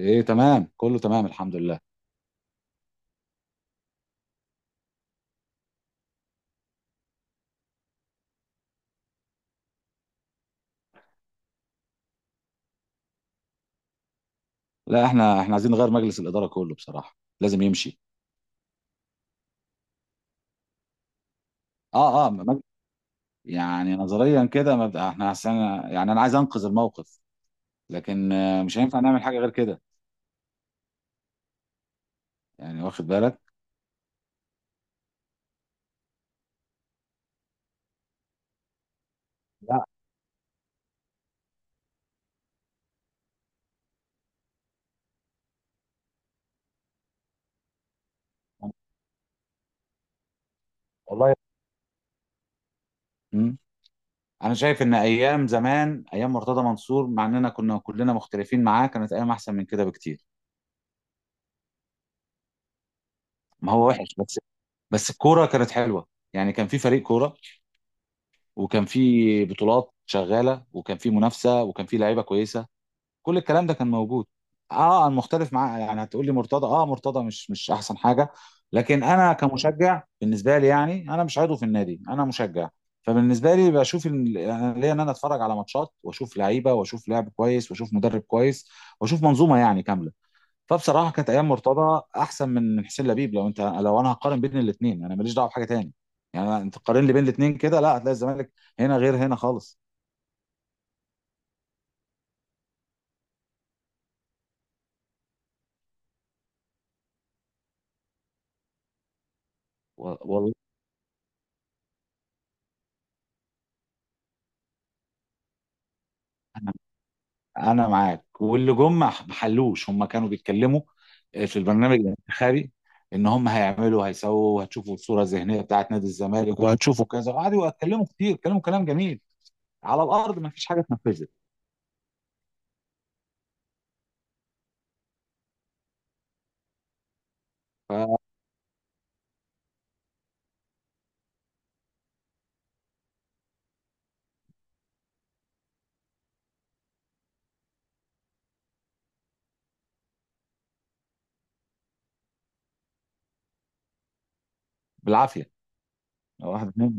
ايه، تمام، كله تمام الحمد لله. لا، احنا عايزين نغير مجلس الاداره كله، بصراحه لازم يمشي. اه. يعني نظريا كده احنا عشان، يعني انا عايز انقذ الموقف، لكن مش هينفع نعمل حاجه غير كده، يعني واخد بالك. لا والله. مم. انا شايف ان ايام زمان، ايام مرتضى منصور، مع اننا كنا كلنا مختلفين معاه كانت ايام احسن من كده بكتير. ما هو وحش بس، بس الكوره كانت حلوه، يعني كان في فريق كوره، وكان في بطولات شغاله، وكان في منافسه، وكان في لعيبه كويسه، كل الكلام ده كان موجود. اه انا مختلف معاه يعني، هتقول لي مرتضى، اه مرتضى مش احسن حاجه، لكن انا كمشجع بالنسبه لي يعني، انا مش عضو في النادي، انا مشجع. فبالنسبه لي بشوف انا ليا ان انا اتفرج على ماتشات، واشوف لعيبه، واشوف لعب كويس، واشوف مدرب كويس، واشوف منظومه يعني كامله. فبصراحه كانت ايام مرتضى احسن من حسين لبيب، لو انت، لو انا هقارن بين الاثنين، انا ماليش دعوه بحاجه تاني، يعني انت تقارن لي بين الاثنين كده لا، هتلاقي الزمالك هنا غير هنا خالص. والله انا معاك، واللي جم ما حلوش، هم كانوا بيتكلموا في البرنامج الانتخابي ان هم هيعملوا، هيسووا، وهتشوفوا الصوره الذهنيه بتاعت نادي الزمالك، وهتشوفوا كذا، وقعدوا يتكلموا كتير، كلاموا كلام جميل. على الارض ما فيش حاجه اتنفذت بالعافيه، واحد اتنين.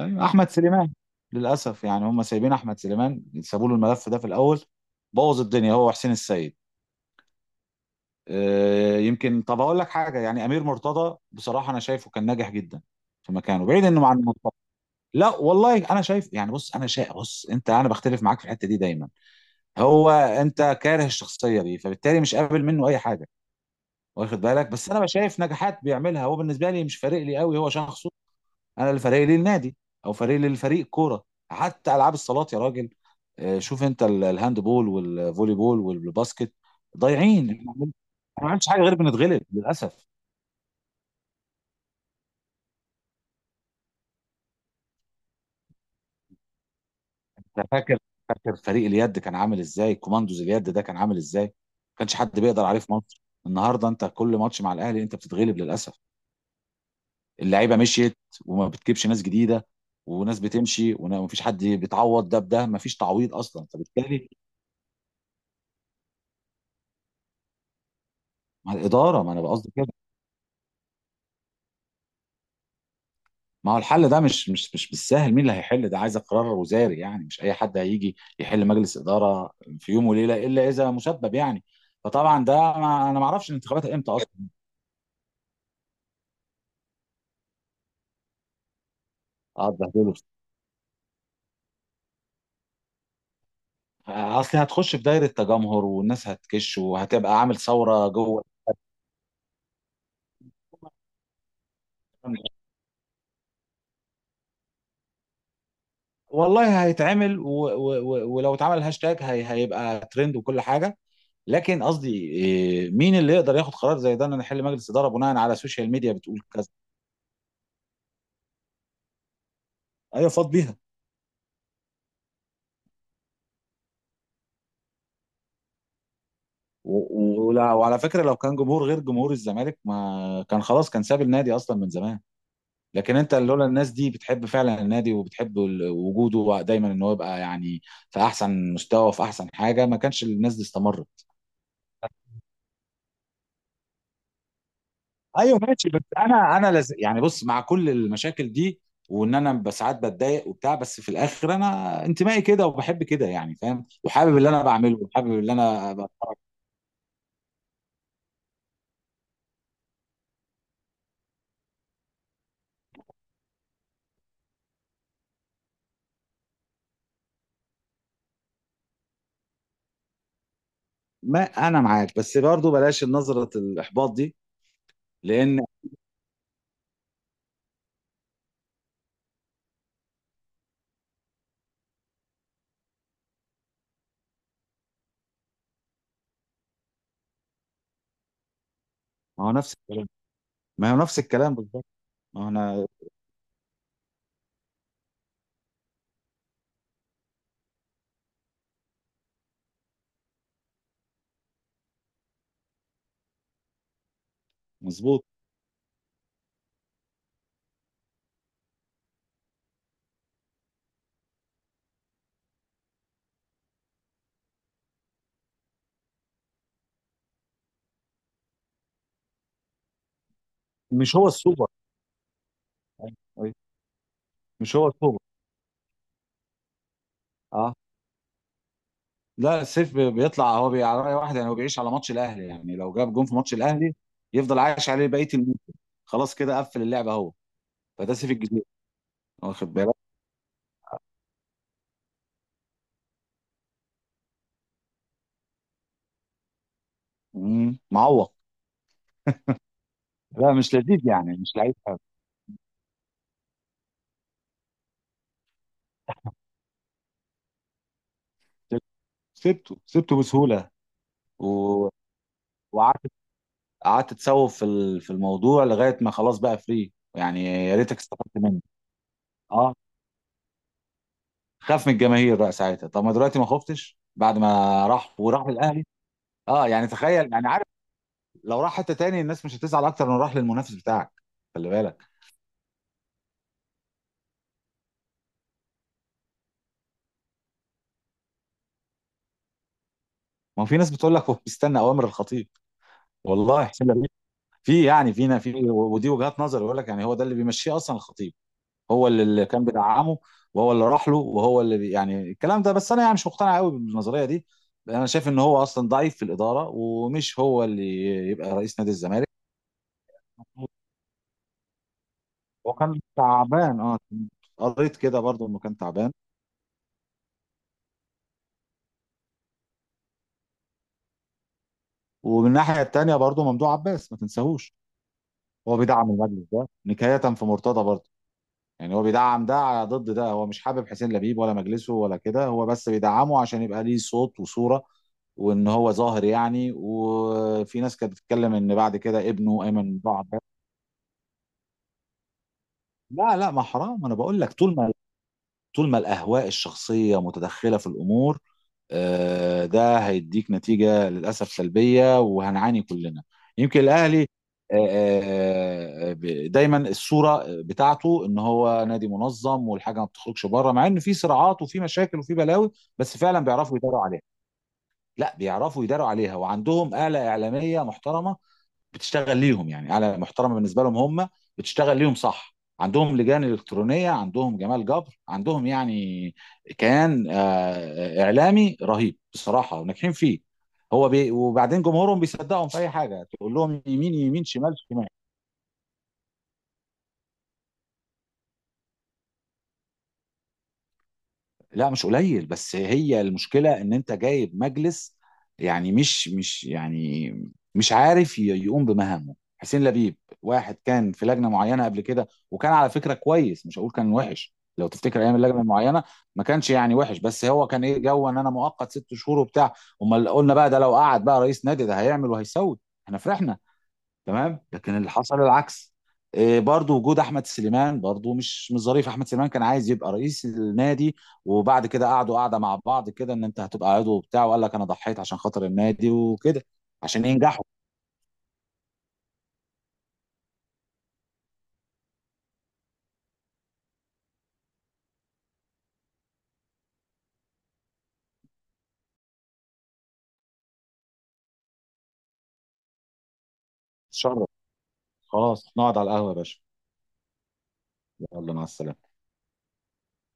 أيوة، احمد سليمان للاسف، يعني هم سايبين احمد سليمان، سابوا له الملف ده في الاول، بوظ الدنيا هو وحسين السيد. يمكن، طب اقول لك حاجه، يعني امير مرتضى بصراحه انا شايفه كان ناجح جدا في مكانه، بعيد انه عن، لا والله انا شايف يعني، بص انا شايف، بص انت، انا بختلف معاك في الحته دي دايما، هو انت كاره الشخصيه دي فبالتالي مش قابل منه اي حاجه، واخد بالك؟ بس انا شايف نجاحات بيعملها هو، بالنسبه لي مش فارق لي قوي هو شخصه، انا اللي فارق لي النادي، او فارق لي الفريق كوره، حتى العاب الصالات يا راجل، شوف انت الهاند بول والفولي بول والباسكت، ضايعين احنا، ما عملتش حاجه غير بنتغلب للاسف. انا فاكر، فريق اليد كان عامل ازاي، كوماندوز اليد ده كان عامل ازاي، ما كانش حد بيقدر عليه في مصر. النهارده انت كل ماتش مع الاهلي انت بتتغلب للاسف، اللعيبه مشيت، وما بتجيبش ناس جديده، وناس بتمشي وما فيش حد بيتعوض، ده بده، ما فيش تعويض اصلا، فبالتالي مع الاداره، ما انا قصدي كده. ما هو الحل ده مش بالسهل، مين اللي هيحل ده؟ عايز قرار وزاري يعني، مش اي حد هيجي يحل مجلس اداره في يوم وليله الا اذا مسبب يعني، فطبعا ده، ما انا ما اعرفش الانتخابات امتى اصلا. اه اتبهدلوا، اصل هتخش في دايره تجمهر، والناس هتكش، وهتبقى عامل ثوره جوه. والله هيتعمل، ولو اتعمل هاشتاج هيبقى ترند وكل حاجه، لكن قصدي إيه، مين اللي يقدر ياخد قرار زي ده ان نحل مجلس اداره بناء على سوشيال ميديا بتقول كذا؟ ايوه فاض بيها. وعلى فكره لو كان جمهور غير جمهور الزمالك ما كان، خلاص كان ساب النادي اصلا من زمان، لكن انت لولا الناس دي بتحب فعلا النادي، وبتحب وجوده دايما ان هو يبقى يعني في احسن مستوى وفي احسن حاجه، ما كانش الناس دي استمرت. ايوه ماشي، بس انا يعني بص، مع كل المشاكل دي، وان انا ساعات بتضايق وبتاع، بس في الاخر انا انتمائي كده، وبحب كده يعني، فاهم، وحابب اللي انا بعمله، وحابب اللي انا بتفرج، ما انا معاك، بس برضو بلاش نظره الاحباط دي لان، ما هو نفس الكلام، ما هو نفس الكلام بالظبط، ما هو انا، مظبوط. مش هو السوبر. أيوة. أيوة. مش هو السوبر. اه، لا، السيف بيطلع هو على رأي واحد يعني، هو بيعيش على ماتش الاهلي، يعني لو جاب جون في ماتش الاهلي يفضل عايش عليه بقيه الموسم، خلاص كده قفل اللعبه هو، فده سيف الجزيرة، واخد بالك؟ معوق، لا مش لذيذ يعني، مش لعيب حلو. سبت- سبته بسهوله، و... وقعدت، قعدت تسوف في في الموضوع لغايه ما خلاص بقى فري، يعني يا ريتك استفدت منه، اه. خاف من الجماهير بقى ساعتها، طب ما دلوقتي ما خفتش بعد ما راح، وراح الاهلي، اه يعني تخيل يعني، لو راح حته تاني الناس مش هتزعل اكتر من راح للمنافس بتاعك، خلي بالك. ما هو في ناس بتقول لك هو بيستنى اوامر الخطيب، والله حسين لبيب في يعني فينا في ودي وجهات نظر، يقول لك يعني هو ده اللي بيمشيه اصلا الخطيب، هو اللي كان بيدعمه، وهو اللي راح له، وهو اللي يعني، الكلام ده، بس انا يعني مش مقتنع قوي بالنظريه دي، انا شايف ان هو اصلا ضعيف في الاداره، ومش هو اللي يبقى رئيس نادي الزمالك، هو كان تعبان اه، قريت كده برضه انه كان تعبان. ومن الناحيه التانيه برضه ممدوح عباس ما تنساهوش، هو بيدعم المجلس ده نكاية في مرتضى برضه، يعني هو بيدعم ده على ضد ده، هو مش حابب حسين لبيب ولا مجلسه ولا كده، هو بس بيدعمه عشان يبقى ليه صوت وصورة، وان هو ظاهر يعني، وفي ناس كانت بتتكلم ان بعد كده ابنه ايمن بعد، لا لا ما حرام، انا بقول لك طول ما، طول ما الاهواء الشخصيه متدخله في الامور، ده هيديك نتيجة للأسف سلبية وهنعاني كلنا. يمكن الأهلي، دايما الصورة بتاعته ان هو نادي منظم، والحاجة ما بتخرجش بره، مع ان في صراعات وفي مشاكل وفي بلاوي، بس فعلا بيعرفوا يداروا عليها. لا بيعرفوا يداروا عليها، وعندهم آلة إعلامية محترمة بتشتغل ليهم، يعني اعلى محترمه بالنسبه لهم هم، بتشتغل ليهم صح، عندهم لجان الكترونيه، عندهم جمال جبر، عندهم يعني كيان اعلامي رهيب بصراحه، وناجحين فيه، هو وبعدين جمهورهم بيصدقهم في اي حاجه، تقول لهم يمين يمين، شمال شمال. لا مش قليل، بس هي المشكلة ان انت جايب مجلس يعني، مش يعني مش عارف يقوم بمهامه حسين لبيب. واحد كان في لجنة معينة قبل كده، وكان على فكرة كويس، مش هقول كان وحش، لو تفتكر ايام اللجنة المعينة، ما كانش يعني وحش، بس هو كان ايه جو ان انا مؤقت 6 شهور وبتاع، امال قلنا بقى ده لو قعد بقى رئيس نادي ده هيعمل وهيسوي، احنا فرحنا تمام، لكن اللي حصل العكس. إيه، برضو وجود احمد سليمان برضو مش ظريف، احمد سليمان كان عايز يبقى رئيس النادي، وبعد كده قعدوا قعده مع بعض كده ان انت هتبقى عضو وبتاع، وقال لك انا ضحيت عشان خاطر النادي وكده، عشان ينجحوا. اتشرف، خلاص نقعد على القهوه يا باشا، يلا مع السلامه.